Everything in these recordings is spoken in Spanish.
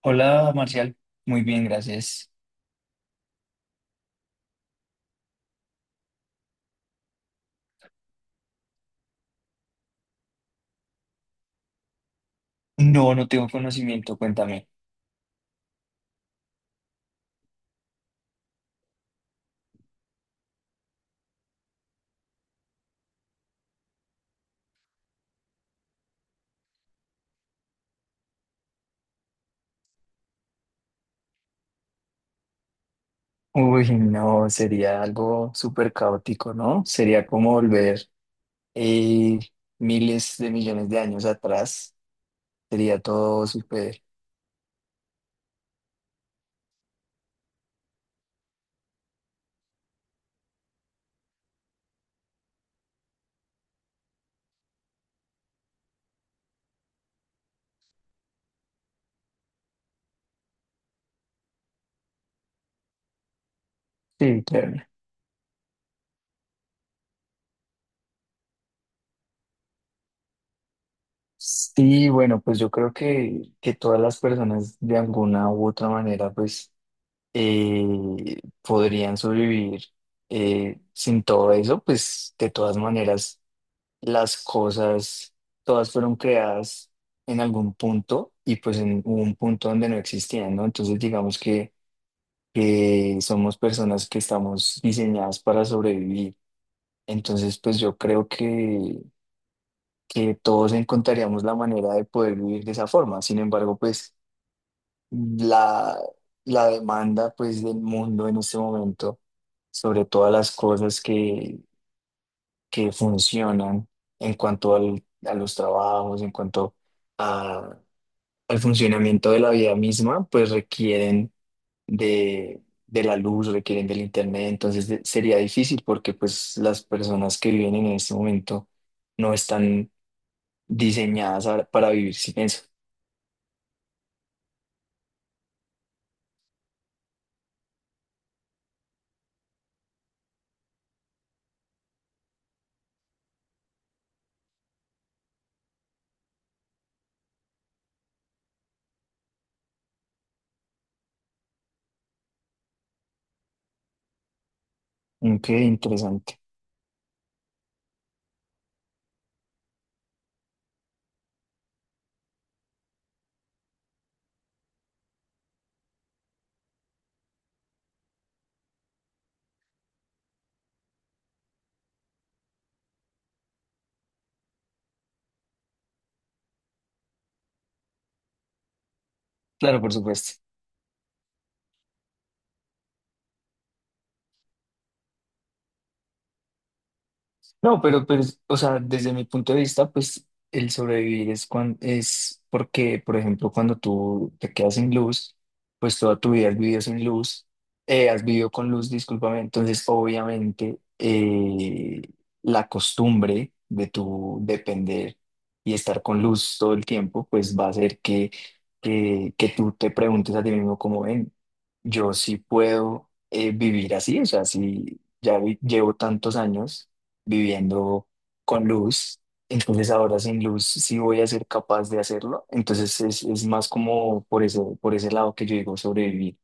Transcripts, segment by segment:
Hola, Marcial. Muy bien, gracias. No, no tengo conocimiento, cuéntame. Uy, no, sería algo súper caótico, ¿no? Sería como volver eh, miles de millones de años atrás. Sería todo súper... Sí, claro. Sí, bueno, pues yo creo que todas las personas de alguna u otra manera, pues, podrían sobrevivir sin todo eso, pues, de todas maneras las cosas, todas fueron creadas en algún punto y pues en hubo un punto donde no existían, ¿no? Entonces digamos que somos personas que estamos diseñadas para sobrevivir. Entonces pues yo creo que todos encontraríamos la manera de poder vivir de esa forma. Sin embargo, pues la, la demanda pues del mundo en este momento sobre todas las cosas que funcionan en cuanto a los trabajos, en cuanto a- al funcionamiento de la vida misma, pues requieren de la luz, requieren del internet, entonces sería difícil porque pues las personas que viven en este momento no están diseñadas para vivir sin eso. Ok, interesante. Claro, por supuesto. No, pero, pues, o sea, desde mi punto de vista, pues el sobrevivir es, es porque, por ejemplo, cuando tú te quedas sin luz, pues toda tu vida has vivido sin luz, has vivido con luz, discúlpame. Entonces, obviamente, la costumbre de tu depender y estar con luz todo el tiempo, pues va a hacer que tú te preguntes a ti mismo, como ven, yo sí puedo vivir así, o sea, si ya llevo tantos años viviendo con luz. Entonces ahora sin luz sí voy a ser capaz de hacerlo. Entonces es más como por eso, por ese lado que yo digo sobrevivir.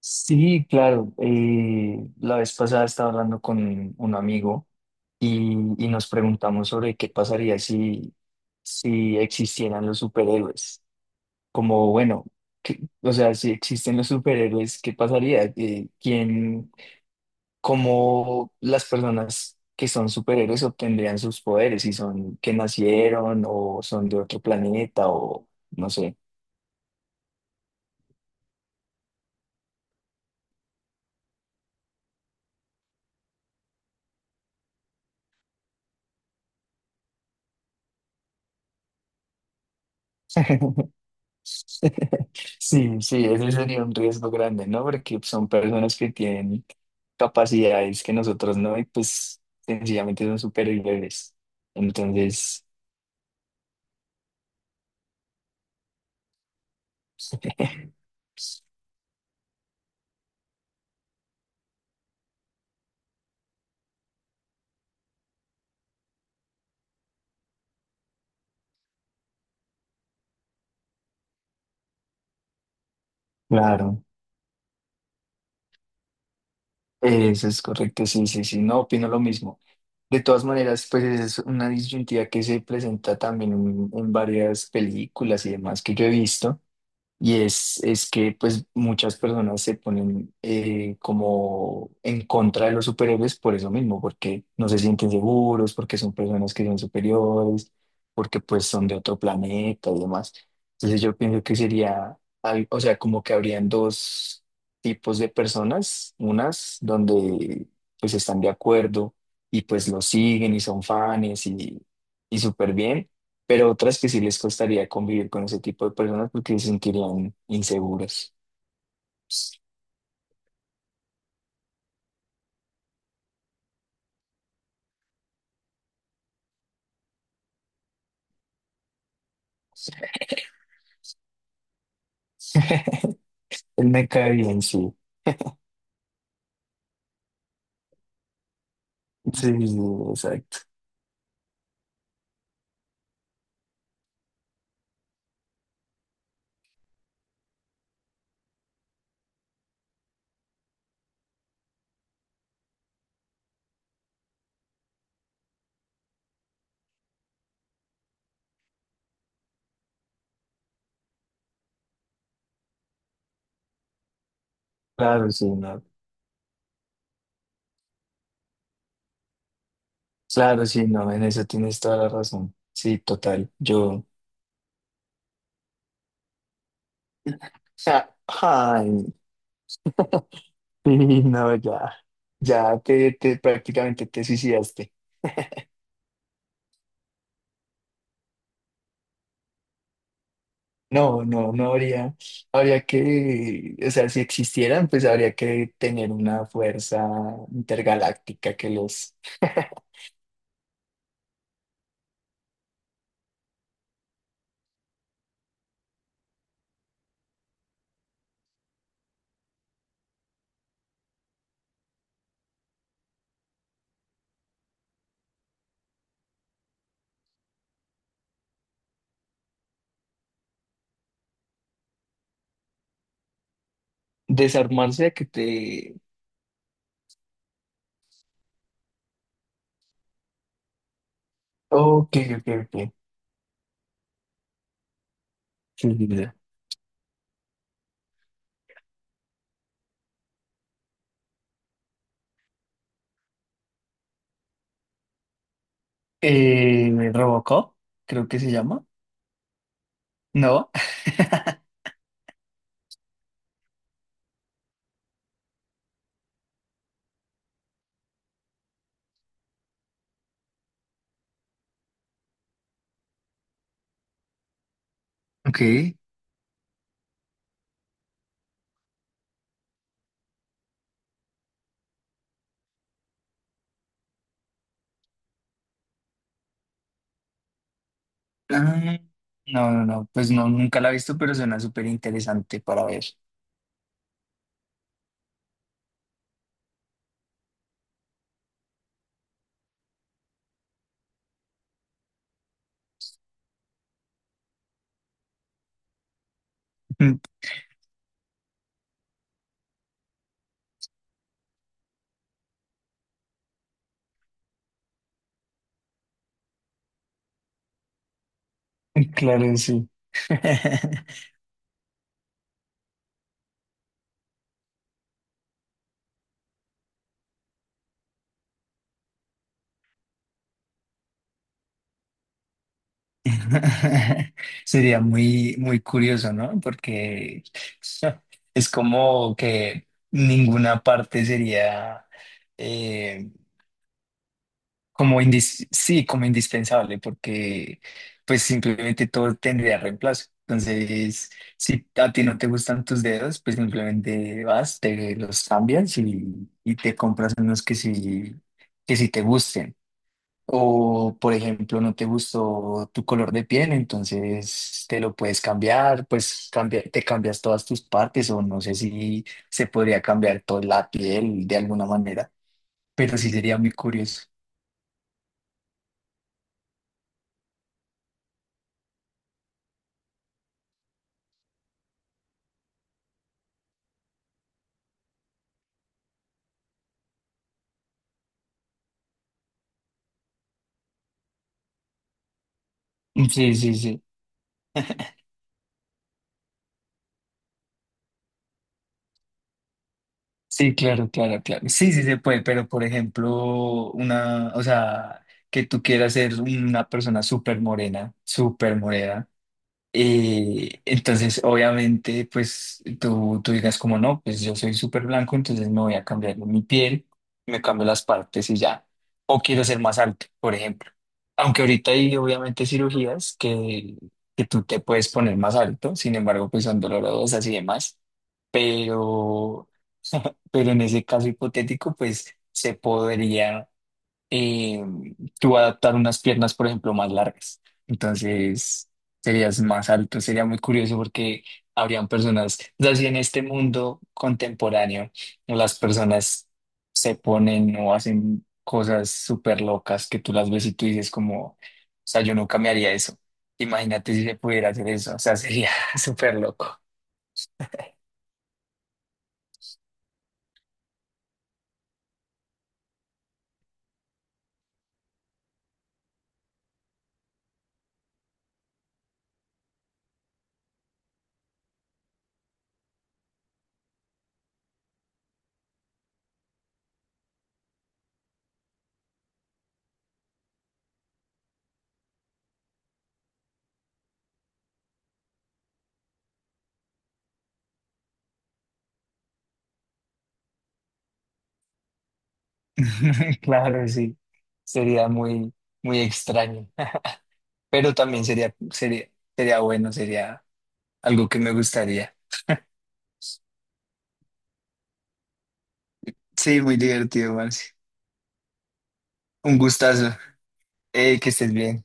Sí, claro. La vez pasada estaba hablando con un amigo y, y nos preguntamos sobre qué pasaría si, si existieran los superhéroes. Como, bueno, o sea, si existen los superhéroes, ¿qué pasaría? ¿Eh, quién? ¿Cómo las personas que son superhéroes obtendrían sus poderes, si son que nacieron o son de otro planeta o no sé? Sí, sí, ese sería un riesgo grande, ¿no? Porque son personas que tienen capacidades que nosotros no y pues sencillamente son superhéroes. Entonces, claro, eso es correcto, sí, sí, sí, no opino lo mismo. De todas maneras, pues es una disyuntiva que se presenta también en varias películas y demás que yo he visto. Y es que pues muchas personas se ponen como en contra de los superhéroes por eso mismo, porque no se sienten seguros, porque son personas que son superiores, porque pues son de otro planeta y demás. Entonces yo pienso que sería, o sea, como que habrían dos tipos de personas, unas donde pues están de acuerdo y pues lo siguen y son fans y súper bien, pero otras que sí les costaría convivir con ese tipo de personas porque se sentirían inseguras. Él me cae bien, sí. Sí, sí, sí, exacto. Claro, sí, no. Claro, sí, no, en eso tienes toda la razón. Sí, total. Yo. Ja, ay, sí, no, ya. Ya te prácticamente te suicidaste. No, no, no habría, habría que, o sea, si existieran, pues habría que tener una fuerza intergaláctica que los desarmarse a que te... Ok, ok, ok. Sí, sí, sí. Robocop, creo que se llama. ¿No? Ok. Ah, no, no, no. Pues no, nunca la he visto, pero suena súper interesante para ver. Claro, sí. Sería muy, muy curioso, ¿no? Porque es como que ninguna parte sería... eh, Como sí, como indispensable, porque pues simplemente todo tendría reemplazo. Entonces, si a ti no te gustan tus dedos, pues simplemente vas, te los cambias y te compras unos que sí te gusten. O, por ejemplo, no te gustó tu color de piel, entonces te lo puedes cambiar, pues cambia, te cambias todas tus partes, o no sé si se podría cambiar toda la piel de alguna manera, pero sí sería muy curioso. Sí, sí, sí. Sí, claro, claro, claro. Sí, sí se puede, pero por ejemplo, una, o sea, que tú quieras ser una persona súper morena, súper morena. Entonces, obviamente, pues tú digas como no, pues yo soy súper blanco, entonces me voy a cambiar mi piel, me cambio las partes y ya. O quiero ser más alto, por ejemplo. Aunque ahorita hay obviamente cirugías que tú te puedes poner más alto, sin embargo, pues son dolorosas y demás. Pero, pero en ese caso hipotético, pues se podría eh, tú adaptar unas piernas, por ejemplo, más largas. Entonces, serías más alto. Sería muy curioso porque habrían personas, o sea, si en este mundo contemporáneo las personas se ponen o hacen cosas súper locas que tú las ves y tú dices como, o sea, yo nunca me haría eso. Imagínate si se pudiera hacer eso, o sea, sería súper loco. Claro, sí, sería muy, muy extraño, pero también sería bueno, sería algo que me gustaría. Sí, muy divertido, Marce. Un gustazo. Que estés bien.